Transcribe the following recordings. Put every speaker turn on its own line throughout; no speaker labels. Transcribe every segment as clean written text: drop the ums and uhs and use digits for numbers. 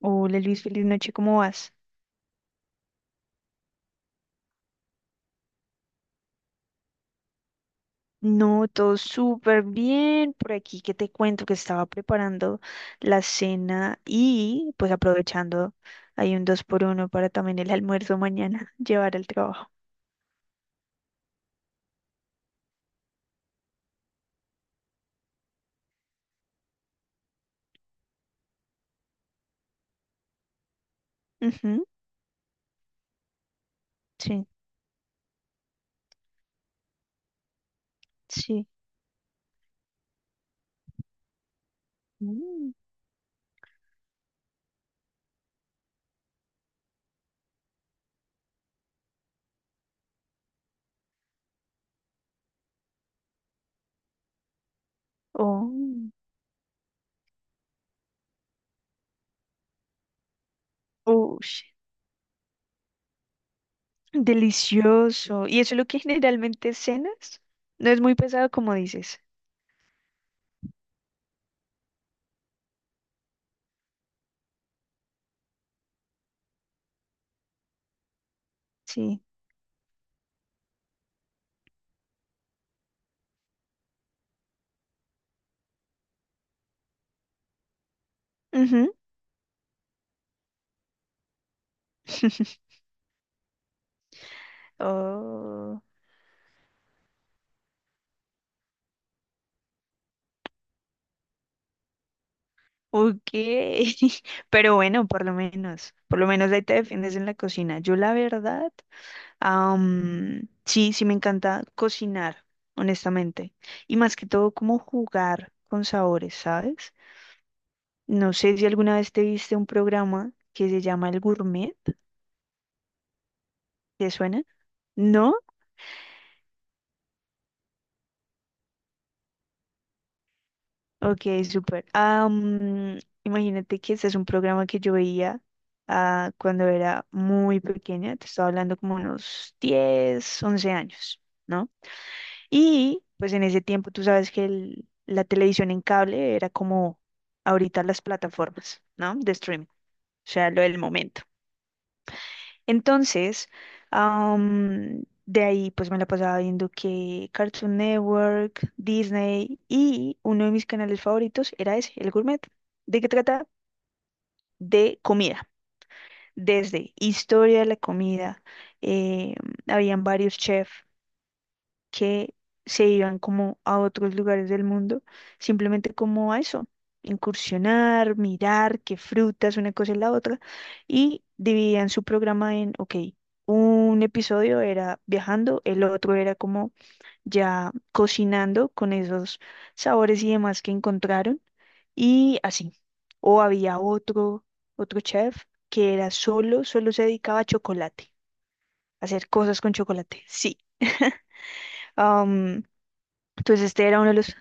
Hola Luis, feliz noche, ¿cómo vas? No, todo súper bien por aquí, que te cuento que estaba preparando la cena y pues aprovechando, hay un dos por uno para también el almuerzo mañana, llevar al trabajo. Ujú, sí, sí. Mm. Oh, ush, delicioso. ¿Y eso es lo que generalmente cenas? No es muy pesado como dices. Sí. Ujú. Oh. Ok, pero bueno, por lo menos ahí te defiendes en la cocina. Yo la verdad, sí, sí me encanta cocinar, honestamente, y más que todo como jugar con sabores, ¿sabes? No sé si alguna vez te viste un programa que se llama El Gourmet, ¿te suena? ¿No? Ok, súper. Imagínate que este es un programa que yo veía cuando era muy pequeña, te estaba hablando como unos 10, 11 años, ¿no? Y pues en ese tiempo tú sabes que la televisión en cable era como ahorita las plataformas, ¿no? De streaming, o sea, lo del momento. Entonces, de ahí pues me la pasaba viendo que Cartoon Network, Disney y uno de mis canales favoritos era ese, El Gourmet. ¿De qué trata? De comida. Desde historia de la comida, eh, habían varios chefs que se iban como a otros lugares del mundo, simplemente como a eso, incursionar, mirar qué frutas, una cosa y la otra, y dividían su programa en, ok, un episodio era viajando, el otro era como ya cocinando con esos sabores y demás que encontraron, y así. O había otro chef que era solo se dedicaba a chocolate, a hacer cosas con chocolate, sí. Entonces este era uno de los,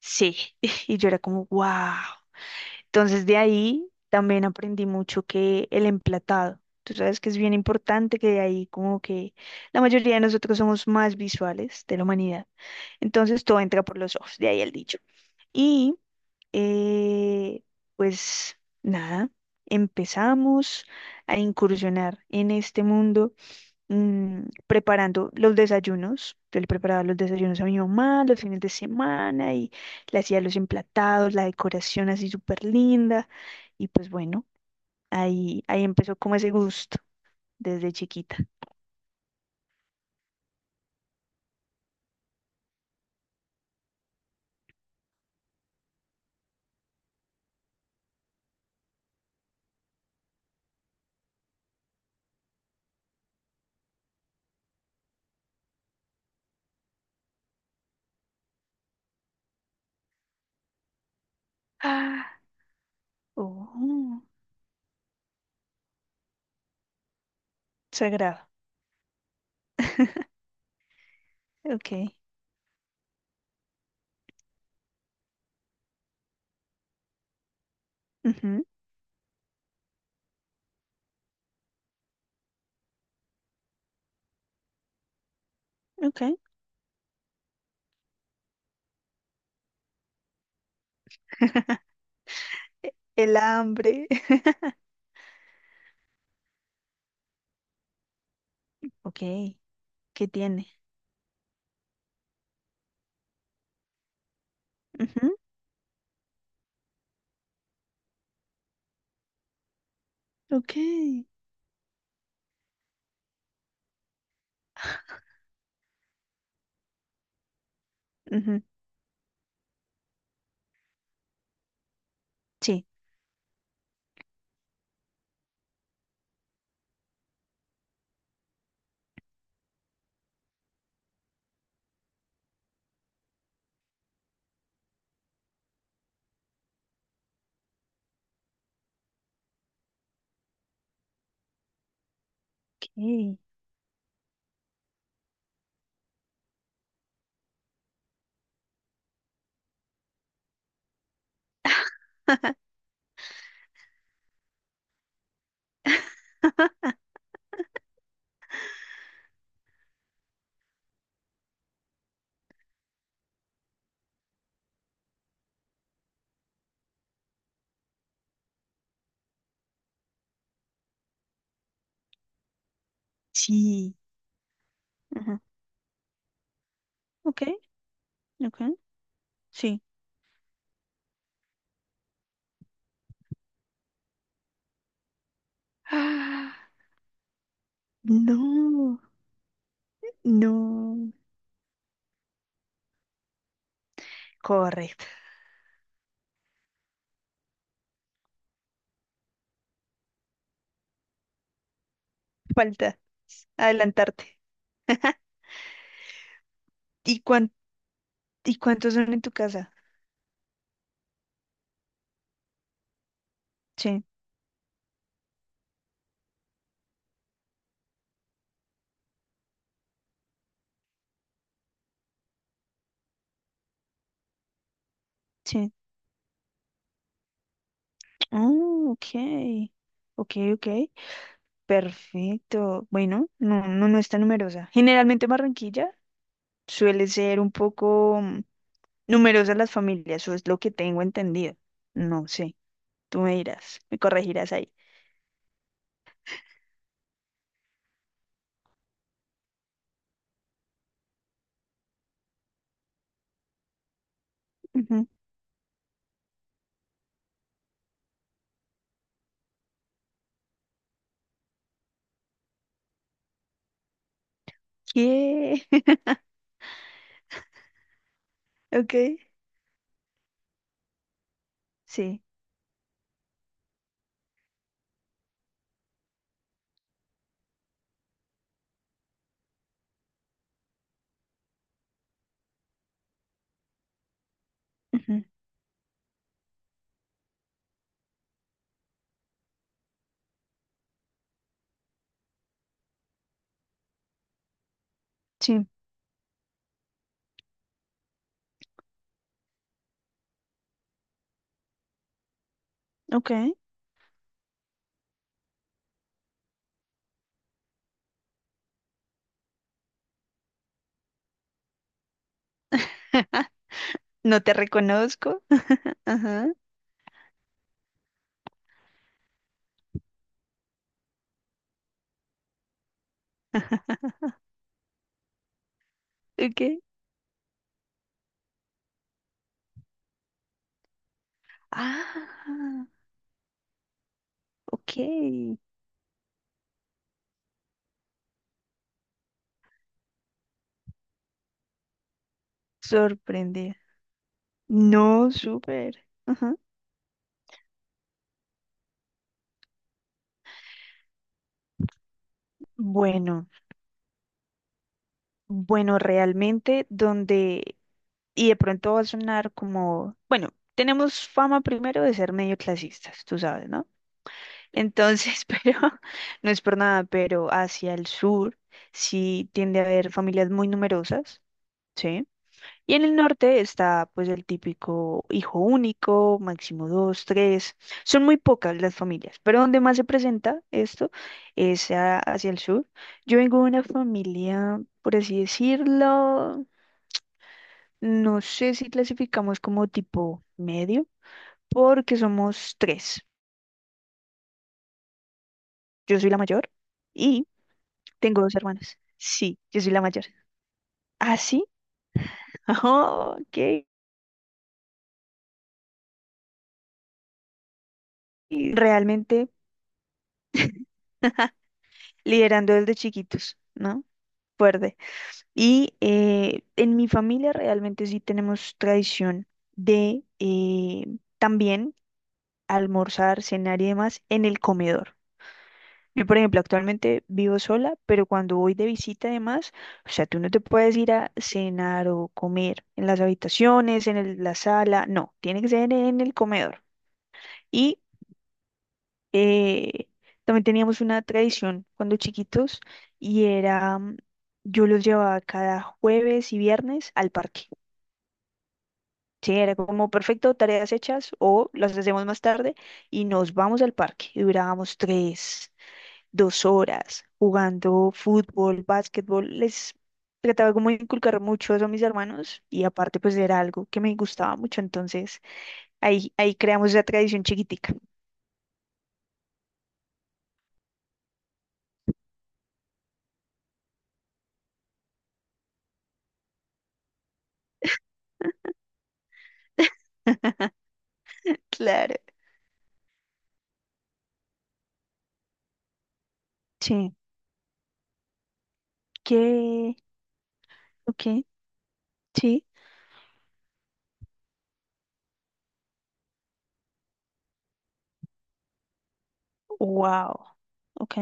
sí, y yo era como, wow. Entonces de ahí también aprendí mucho que el emplatado, tú sabes que es bien importante que de ahí como que la mayoría de nosotros somos más visuales de la humanidad. Entonces todo entra por los ojos, de ahí el dicho. Y eh, pues nada, empezamos a incursionar en este mundo preparando los desayunos. Yo le preparaba los desayunos a mi mamá los fines de semana y le hacía los emplatados, la decoración así súper linda. Y pues bueno, ahí empezó como ese gusto desde chiquita. Ah. Oh, sagrado. Ok. Ujú. Ok. El hambre. Ok. ¿Qué tiene? Ujú. Ok. Ujú. Sí. Ok. Sí. Ujú. Ok. Ok. Sí. Ah. No, no. Correcto. Falta adelantarte. ¿Y cuántos son en tu casa? Sí, sí. Oh, ok. Ok, ok. Perfecto. Bueno, no, no, no es tan numerosa. Generalmente Barranquilla suele ser un poco numerosa las familias, eso es lo que tengo entendido. No sé, tú me dirás, me corregirás ahí. Ujú. ¿Qué? Ok, sí. Ujú. Sí, ok. No te reconozco. Ajá, ok. Ah, ok. Sorprendida. No, súper. Ajá. Bueno, bueno, realmente donde, y de pronto va a sonar como, bueno, tenemos fama primero de ser medio clasistas, tú sabes, ¿no? Entonces, pero no es por nada, pero hacia el sur sí tiende a haber familias muy numerosas, ¿sí? Y en el norte está pues el típico hijo único, máximo dos, tres. Son muy pocas las familias, pero donde más se presenta esto es hacia el sur. Yo vengo de una familia, por así decirlo, no sé si clasificamos como tipo medio, porque somos tres. Yo soy la mayor y tengo dos hermanas. Sí, yo soy la mayor. ¿Ah, sí? Oh, ok. Realmente liderando desde chiquitos, ¿no? Fuerte. Y en mi familia realmente sí tenemos tradición de también almorzar, cenar y demás en el comedor. Yo, por ejemplo, actualmente vivo sola, pero cuando voy de visita además, o sea, tú no te puedes ir a cenar o comer en las habitaciones, en la sala, no, tiene que ser en el comedor. Y eh, también teníamos una tradición cuando chiquitos y era, yo los llevaba cada jueves y viernes al parque. Sí, era como perfecto, tareas hechas o las hacemos más tarde y nos vamos al parque. Y durábamos 3, 2 horas jugando fútbol, básquetbol. Les trataba como de inculcar mucho eso a mis hermanos y aparte pues era algo que me gustaba mucho. Entonces ahí creamos esa tradición chiquitica. Claro. Sí. ¿Qué? Ok. Sí. Wow. Ok.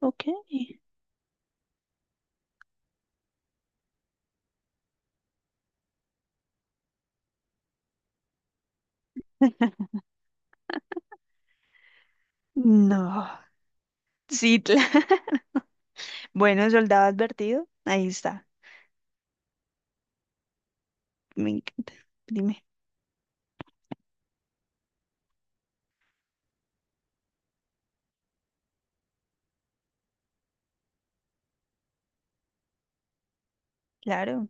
Ok. No. Sí, claro. Bueno, soldado advertido. Ahí está. Me encanta. Dime. Claro,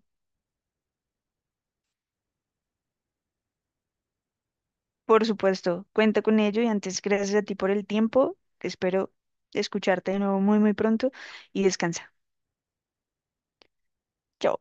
por supuesto. Cuenta con ello y antes, gracias a ti por el tiempo. Espero escucharte de nuevo muy, muy pronto y descansa. Chao.